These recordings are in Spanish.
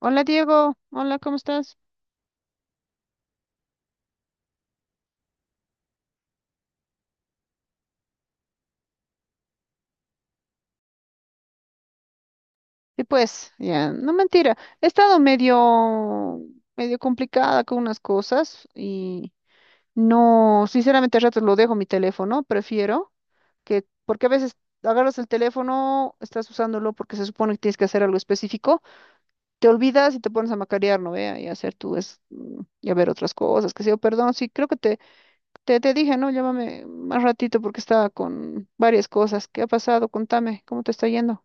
Hola Diego, hola, ¿cómo estás? Y pues, ya, no mentira, he estado medio complicada con unas cosas y no, sinceramente a ratos lo dejo mi teléfono, prefiero que, porque a veces agarras el teléfono, estás usándolo porque se supone que tienes que hacer algo específico, te olvidas y te pones a macarear, ¿no? Vea, y a hacer tú es, y a ver otras cosas, que sé yo, perdón, sí, creo que te dije, ¿no? Llámame más ratito porque estaba con varias cosas. ¿Qué ha pasado? Contame, ¿cómo te está yendo?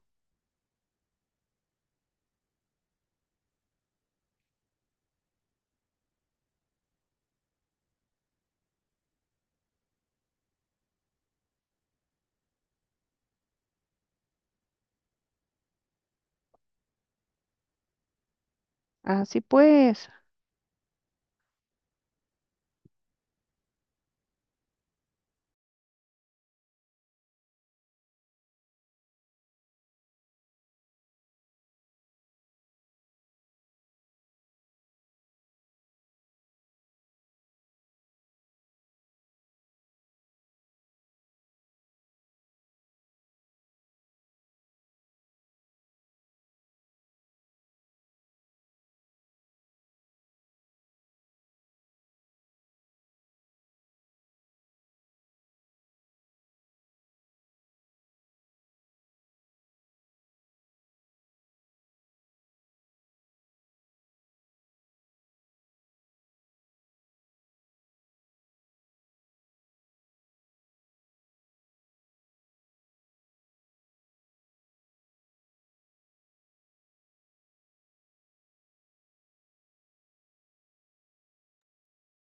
Así pues,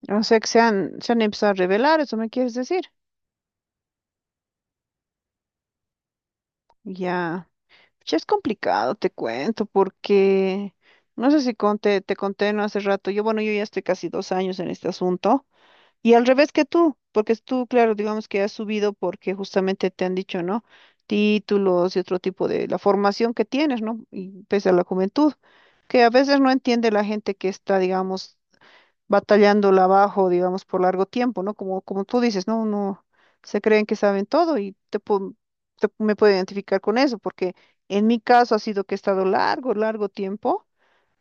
o sea que se han empezado a revelar, ¿eso me quieres decir? Ya, ya es complicado, te cuento, porque no sé si conté, te conté no hace rato, yo bueno, yo ya estoy casi dos años en este asunto, y al revés que tú, porque tú, claro, digamos que has subido porque justamente te han dicho, ¿no? Títulos y otro tipo de la formación que tienes, ¿no? Y pese a la juventud, que a veces no entiende la gente que está, digamos, batallándola abajo, digamos, por largo tiempo, ¿no? Como, como tú dices, ¿no? Uno se creen que saben todo y te, me puedo identificar con eso, porque en mi caso ha sido que he estado largo, largo tiempo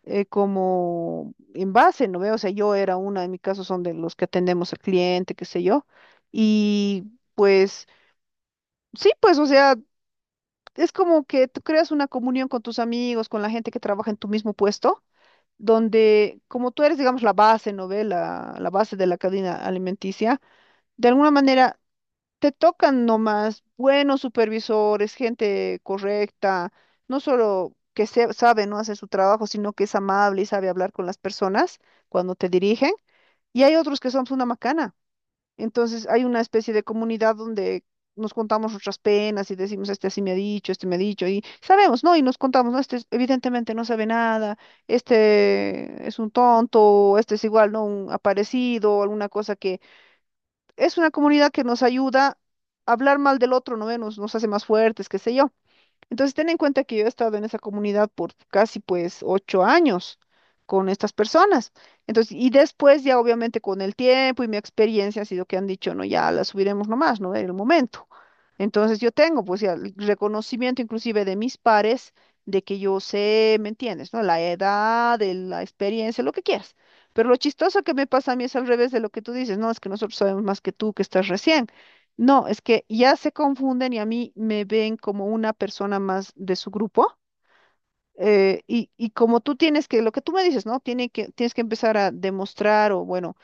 como en base, ¿no veo? O sea, yo era una, en mi caso son de los que atendemos al cliente, qué sé yo, y pues sí, pues, o sea, es como que tú creas una comunión con tus amigos, con la gente que trabaja en tu mismo puesto donde, como tú eres, digamos, la base, ¿no ve? La base de la cadena alimenticia, de alguna manera te tocan nomás buenos supervisores, gente correcta, no solo que se, sabe, no hace su trabajo, sino que es amable y sabe hablar con las personas cuando te dirigen. Y hay otros que son una macana. Entonces hay una especie de comunidad donde nos contamos nuestras penas y decimos, este así me ha dicho, este me ha dicho, y sabemos, ¿no? Y nos contamos, ¿no? Evidentemente no sabe nada, este es un tonto, o este es igual, ¿no? Un aparecido, o alguna cosa que... Es una comunidad que nos ayuda a hablar mal del otro, ¿no? Nos hace más fuertes, qué sé yo. Entonces, ten en cuenta que yo he estado en esa comunidad por casi pues ocho años con estas personas. Entonces, y después ya obviamente con el tiempo y mi experiencia ha sido que han dicho, no, ya la subiremos nomás, ¿no? En el momento. Entonces, yo tengo pues ya el reconocimiento inclusive de mis pares de que yo sé, ¿me entiendes? ¿No? La edad, de la experiencia, lo que quieras. Pero lo chistoso que me pasa a mí es al revés de lo que tú dices, no, es que nosotros sabemos más que tú que estás recién. No, es que ya se confunden y a mí me ven como una persona más de su grupo. Y, como tú tienes que, lo que tú me dices, ¿no? Tienes que empezar a demostrar o, bueno,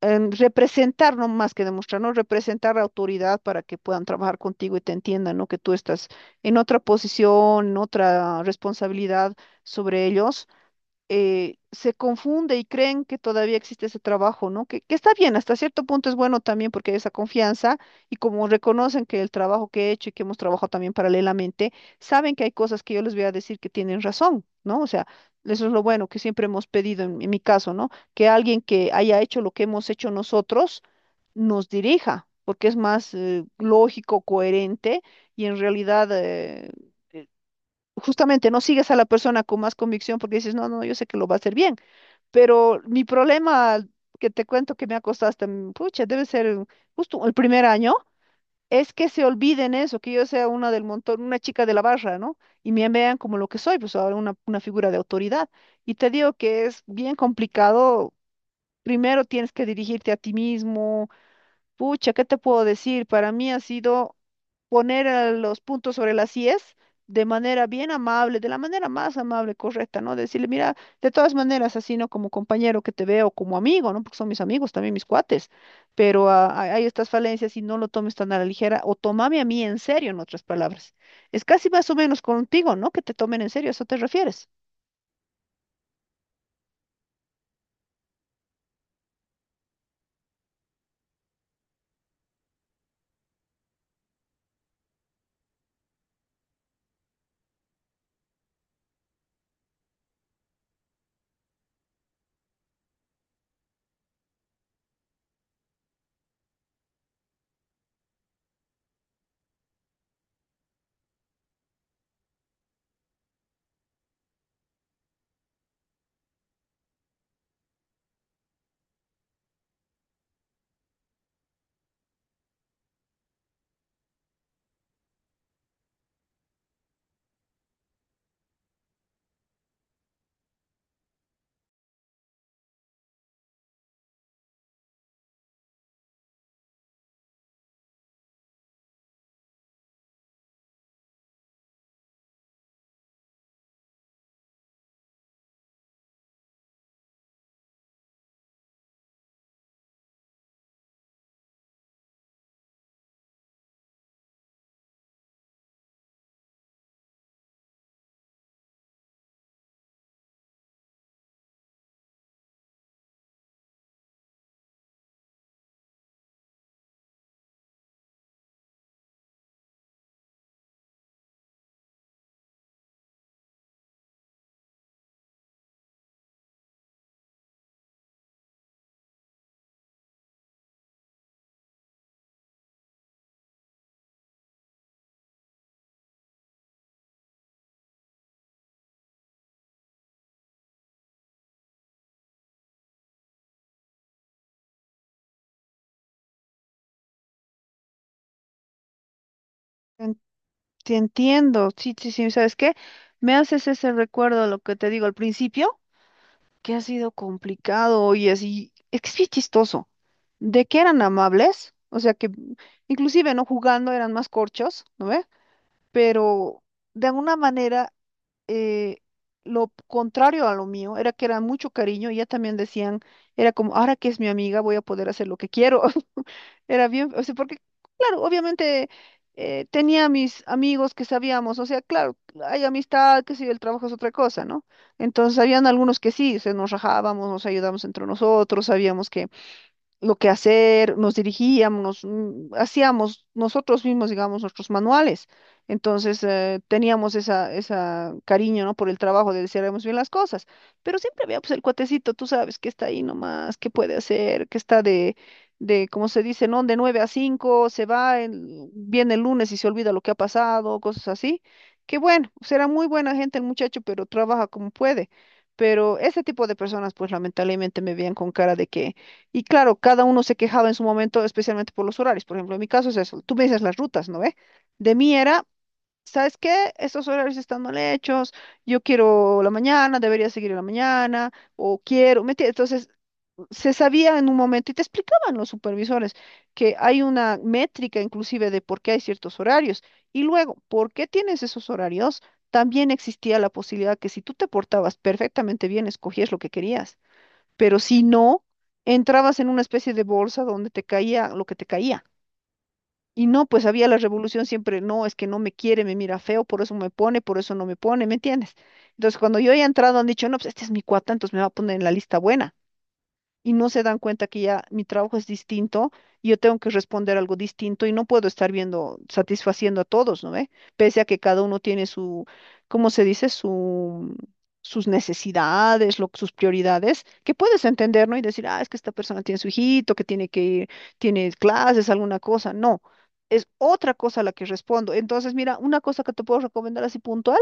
representar, no más que demostrar, ¿no? Representar la autoridad para que puedan trabajar contigo y te entiendan, ¿no? Que tú estás en otra posición, en otra responsabilidad sobre ellos. Se confunde y creen que todavía existe ese trabajo, ¿no? Que está bien, hasta cierto punto es bueno también porque hay esa confianza y como reconocen que el trabajo que he hecho y que hemos trabajado también paralelamente, saben que hay cosas que yo les voy a decir que tienen razón, ¿no? O sea, eso es lo bueno que siempre hemos pedido en mi caso, ¿no? Que alguien que haya hecho lo que hemos hecho nosotros nos dirija, porque es más lógico, coherente y en realidad... justamente no sigues a la persona con más convicción porque dices, no, no, yo sé que lo va a hacer bien, pero mi problema que te cuento que me ha costado hasta, pucha, debe ser justo el primer año, es que se olviden eso, que yo sea una del montón, una chica de la barra, ¿no? Y me vean como lo que soy, pues ahora una figura de autoridad. Y te digo que es bien complicado. Primero tienes que dirigirte a ti mismo. Pucha, ¿qué te puedo decir? Para mí ha sido poner a los puntos sobre las IES de manera bien amable, de la manera más amable, correcta, ¿no? Decirle, mira, de todas maneras, así, ¿no? Como compañero que te veo, como amigo, ¿no? Porque son mis amigos, también mis cuates, pero hay estas falencias y no lo tomes tan a la ligera o tomame a mí en serio, en otras palabras. Es casi más o menos contigo, ¿no? Que te tomen en serio, ¿a eso te refieres? En- Te entiendo, sí, sí, sí, ¿sabes qué? Me haces ese recuerdo, de lo que te digo al principio, que ha sido complicado, y así, es que es bien chistoso. ¿De que eran amables? O sea que inclusive no jugando eran más corchos, ¿no ve? Pero de alguna manera eh, lo contrario a lo mío era que era mucho cariño, y ya también decían, era como, ahora que es mi amiga voy a poder hacer lo que quiero. Era bien, o sea, porque, claro, obviamente tenía mis amigos que sabíamos, o sea, claro, hay amistad, que si el trabajo es otra cosa, ¿no? Entonces, habían algunos que sí, se nos rajábamos, nos ayudábamos entre nosotros, sabíamos que lo que hacer, nos dirigíamos, hacíamos nosotros mismos, digamos, nuestros manuales. Entonces, teníamos esa cariño, ¿no? Por el trabajo de decir, haremos bien las cosas. Pero siempre había, pues, el cuatecito, tú sabes, que está ahí nomás, que puede hacer, que está de, ¿cómo se dice, no? De 9 a 5 se va, viene el lunes y se olvida lo que ha pasado, cosas así. Que bueno, será muy buena gente el muchacho, pero trabaja como puede. Pero ese tipo de personas, pues, lamentablemente me veían con cara de que y claro, cada uno se quejaba en su momento, especialmente por los horarios. Por ejemplo, en mi caso es eso. Tú me dices las rutas, ¿no ve? De mí era, ¿sabes qué? Estos horarios están mal hechos. Yo quiero la mañana, debería seguir en la mañana, o quiero. ¿Me entiendes? Entonces, se sabía en un momento y te explicaban los supervisores que hay una métrica inclusive de por qué hay ciertos horarios. Y luego, ¿por qué tienes esos horarios? También existía la posibilidad que si tú te portabas perfectamente bien, escogías lo que querías, pero si no, entrabas en una especie de bolsa donde te caía lo que te caía. Y no, pues había la revolución siempre, no, es que no me quiere, me mira feo, por eso me pone, por eso no me pone, ¿me entiendes? Entonces, cuando yo he entrado, han dicho, no, pues este es mi cuata, entonces me va a poner en la lista buena y no se dan cuenta que ya mi trabajo es distinto y yo tengo que responder algo distinto y no puedo estar viendo, satisfaciendo a todos, ¿no ve? Pese a que cada uno tiene su, ¿cómo se dice? Su, sus necesidades, sus prioridades, que puedes entender, ¿no? Y decir, ah, es que esta persona tiene su hijito, que tiene que ir, tiene clases, alguna cosa. No. Es otra cosa a la que respondo. Entonces, mira, una cosa que te puedo recomendar así puntual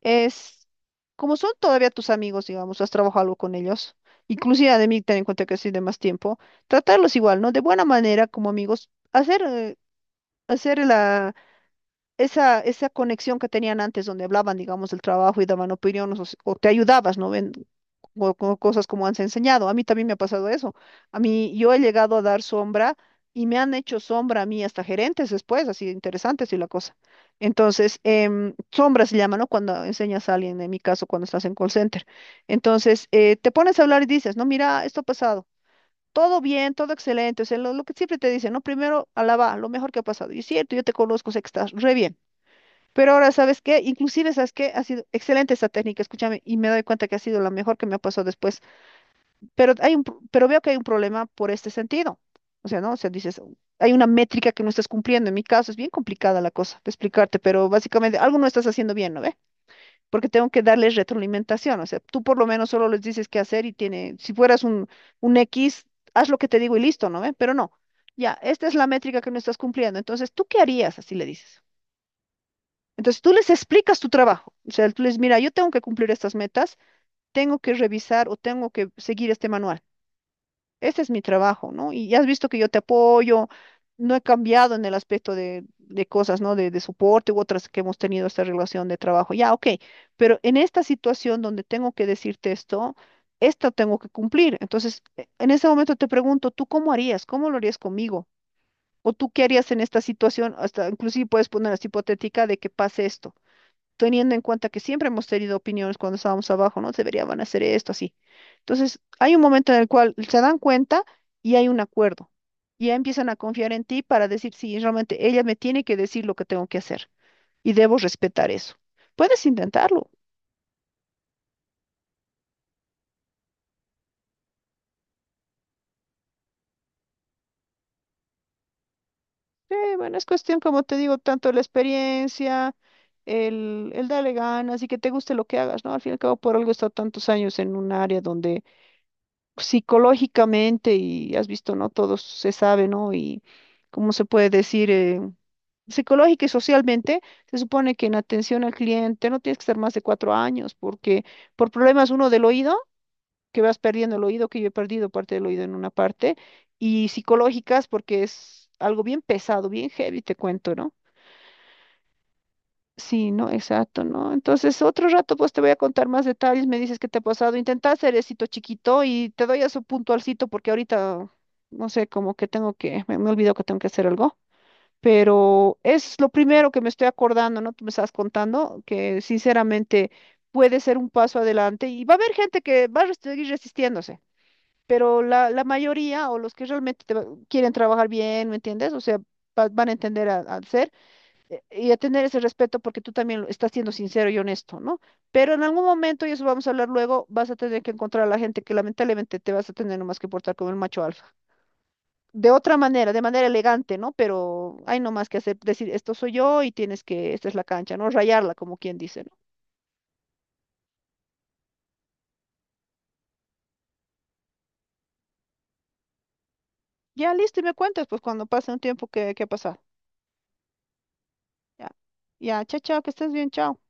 es, como son todavía tus amigos, digamos, has trabajado algo con ellos, inclusive de mí, ten en cuenta que soy de más tiempo, tratarlos igual, ¿no? De buena manera como amigos, hacer, hacer la, esa conexión que tenían antes, donde hablaban, digamos, del trabajo y daban opiniones o, o te ayudabas, ¿no? Ven o, con cosas como han enseñado. A mí también me ha pasado eso. A mí, yo he llegado a dar sombra y me han hecho sombra a mí hasta gerentes después, así interesante y la cosa. Entonces, sombra se llama, ¿no? Cuando enseñas a alguien, en mi caso, cuando estás en call center. Entonces, te pones a hablar y dices, no, mira, esto ha pasado. Todo bien, todo excelente, o sea, lo que siempre te dicen, ¿no? Primero, alaba lo mejor que ha pasado. Y es cierto, yo te conozco, sé que estás re bien. Pero ahora, ¿sabes qué? Inclusive, ¿sabes qué? Ha sido excelente esta técnica, escúchame, y me doy cuenta que ha sido la mejor que me ha pasado después. Pero hay un, pero veo que hay un problema por este sentido. O sea, ¿no? O sea, dices, hay una métrica que no estás cumpliendo. En mi caso es bien complicada la cosa de explicarte, pero básicamente algo no estás haciendo bien, ¿no ve? Porque tengo que darles retroalimentación. O sea, tú por lo menos solo les dices qué hacer y tiene, si fueras un X, haz lo que te digo y listo, ¿no ve? Pero no. Ya, esta es la métrica que no estás cumpliendo. Entonces, ¿tú qué harías? Así le dices. Entonces tú les explicas tu trabajo. O sea, tú les, mira, yo tengo que cumplir estas metas, tengo que revisar o tengo que seguir este manual. Este es mi trabajo, ¿no? Y ya has visto que yo te apoyo, no he cambiado en el aspecto de cosas, ¿no? De soporte u otras que hemos tenido esta relación de trabajo. Ya, ok, pero en esta situación donde tengo que decirte esto, esto tengo que cumplir. Entonces, en ese momento te pregunto, ¿tú cómo harías? ¿Cómo lo harías conmigo? ¿O tú qué harías en esta situación? Hasta inclusive puedes poner así hipotética de que pase esto teniendo en cuenta que siempre hemos tenido opiniones cuando estábamos abajo, ¿no? Deberían hacer esto, así. Entonces, hay un momento en el cual se dan cuenta y hay un acuerdo. Y ya empiezan a confiar en ti para decir, sí, realmente ella me tiene que decir lo que tengo que hacer y debo respetar eso. Puedes intentarlo. Sí, bueno, es cuestión, como te digo, tanto la experiencia, el darle ganas y que te guste lo que hagas, ¿no? Al fin y al cabo, por algo he estado tantos años en un área donde psicológicamente y has visto, ¿no? Todo se sabe, ¿no? Y cómo se puede decir, psicológica y socialmente, se supone que en atención al cliente no tienes que estar más de 4 años, porque por problemas uno del oído, que vas perdiendo el oído, que yo he perdido parte del oído en una parte, y psicológicas porque es algo bien pesado, bien heavy, te cuento, ¿no? Sí, no, exacto, ¿no? Entonces, otro rato, pues te voy a contar más detalles, me dices qué te ha pasado. Intenta hacer éxito chiquito y te doy eso puntualcito porque ahorita, no sé, como que tengo que, me olvidó que tengo que hacer algo. Pero es lo primero que me estoy acordando, ¿no? Tú me estás contando que sinceramente puede ser un paso adelante y va a haber gente que va a seguir resistiéndose, pero la mayoría o los que realmente quieren trabajar bien, ¿me entiendes? O sea, van a entender al ser y a tener ese respeto porque tú también estás siendo sincero y honesto, ¿no? Pero en algún momento, y eso vamos a hablar luego, vas a tener que encontrar a la gente que lamentablemente te vas a tener nomás que portar como el macho alfa. De otra manera, de manera elegante, ¿no? Pero hay nomás que hacer, decir, esto soy yo y tienes que, esta es la cancha, ¿no? Rayarla, como quien dice, ¿no? Ya listo, y me cuentas, pues cuando pase un tiempo qué ha pasado. Ya, ya, chao, chao, que estés bien, chao.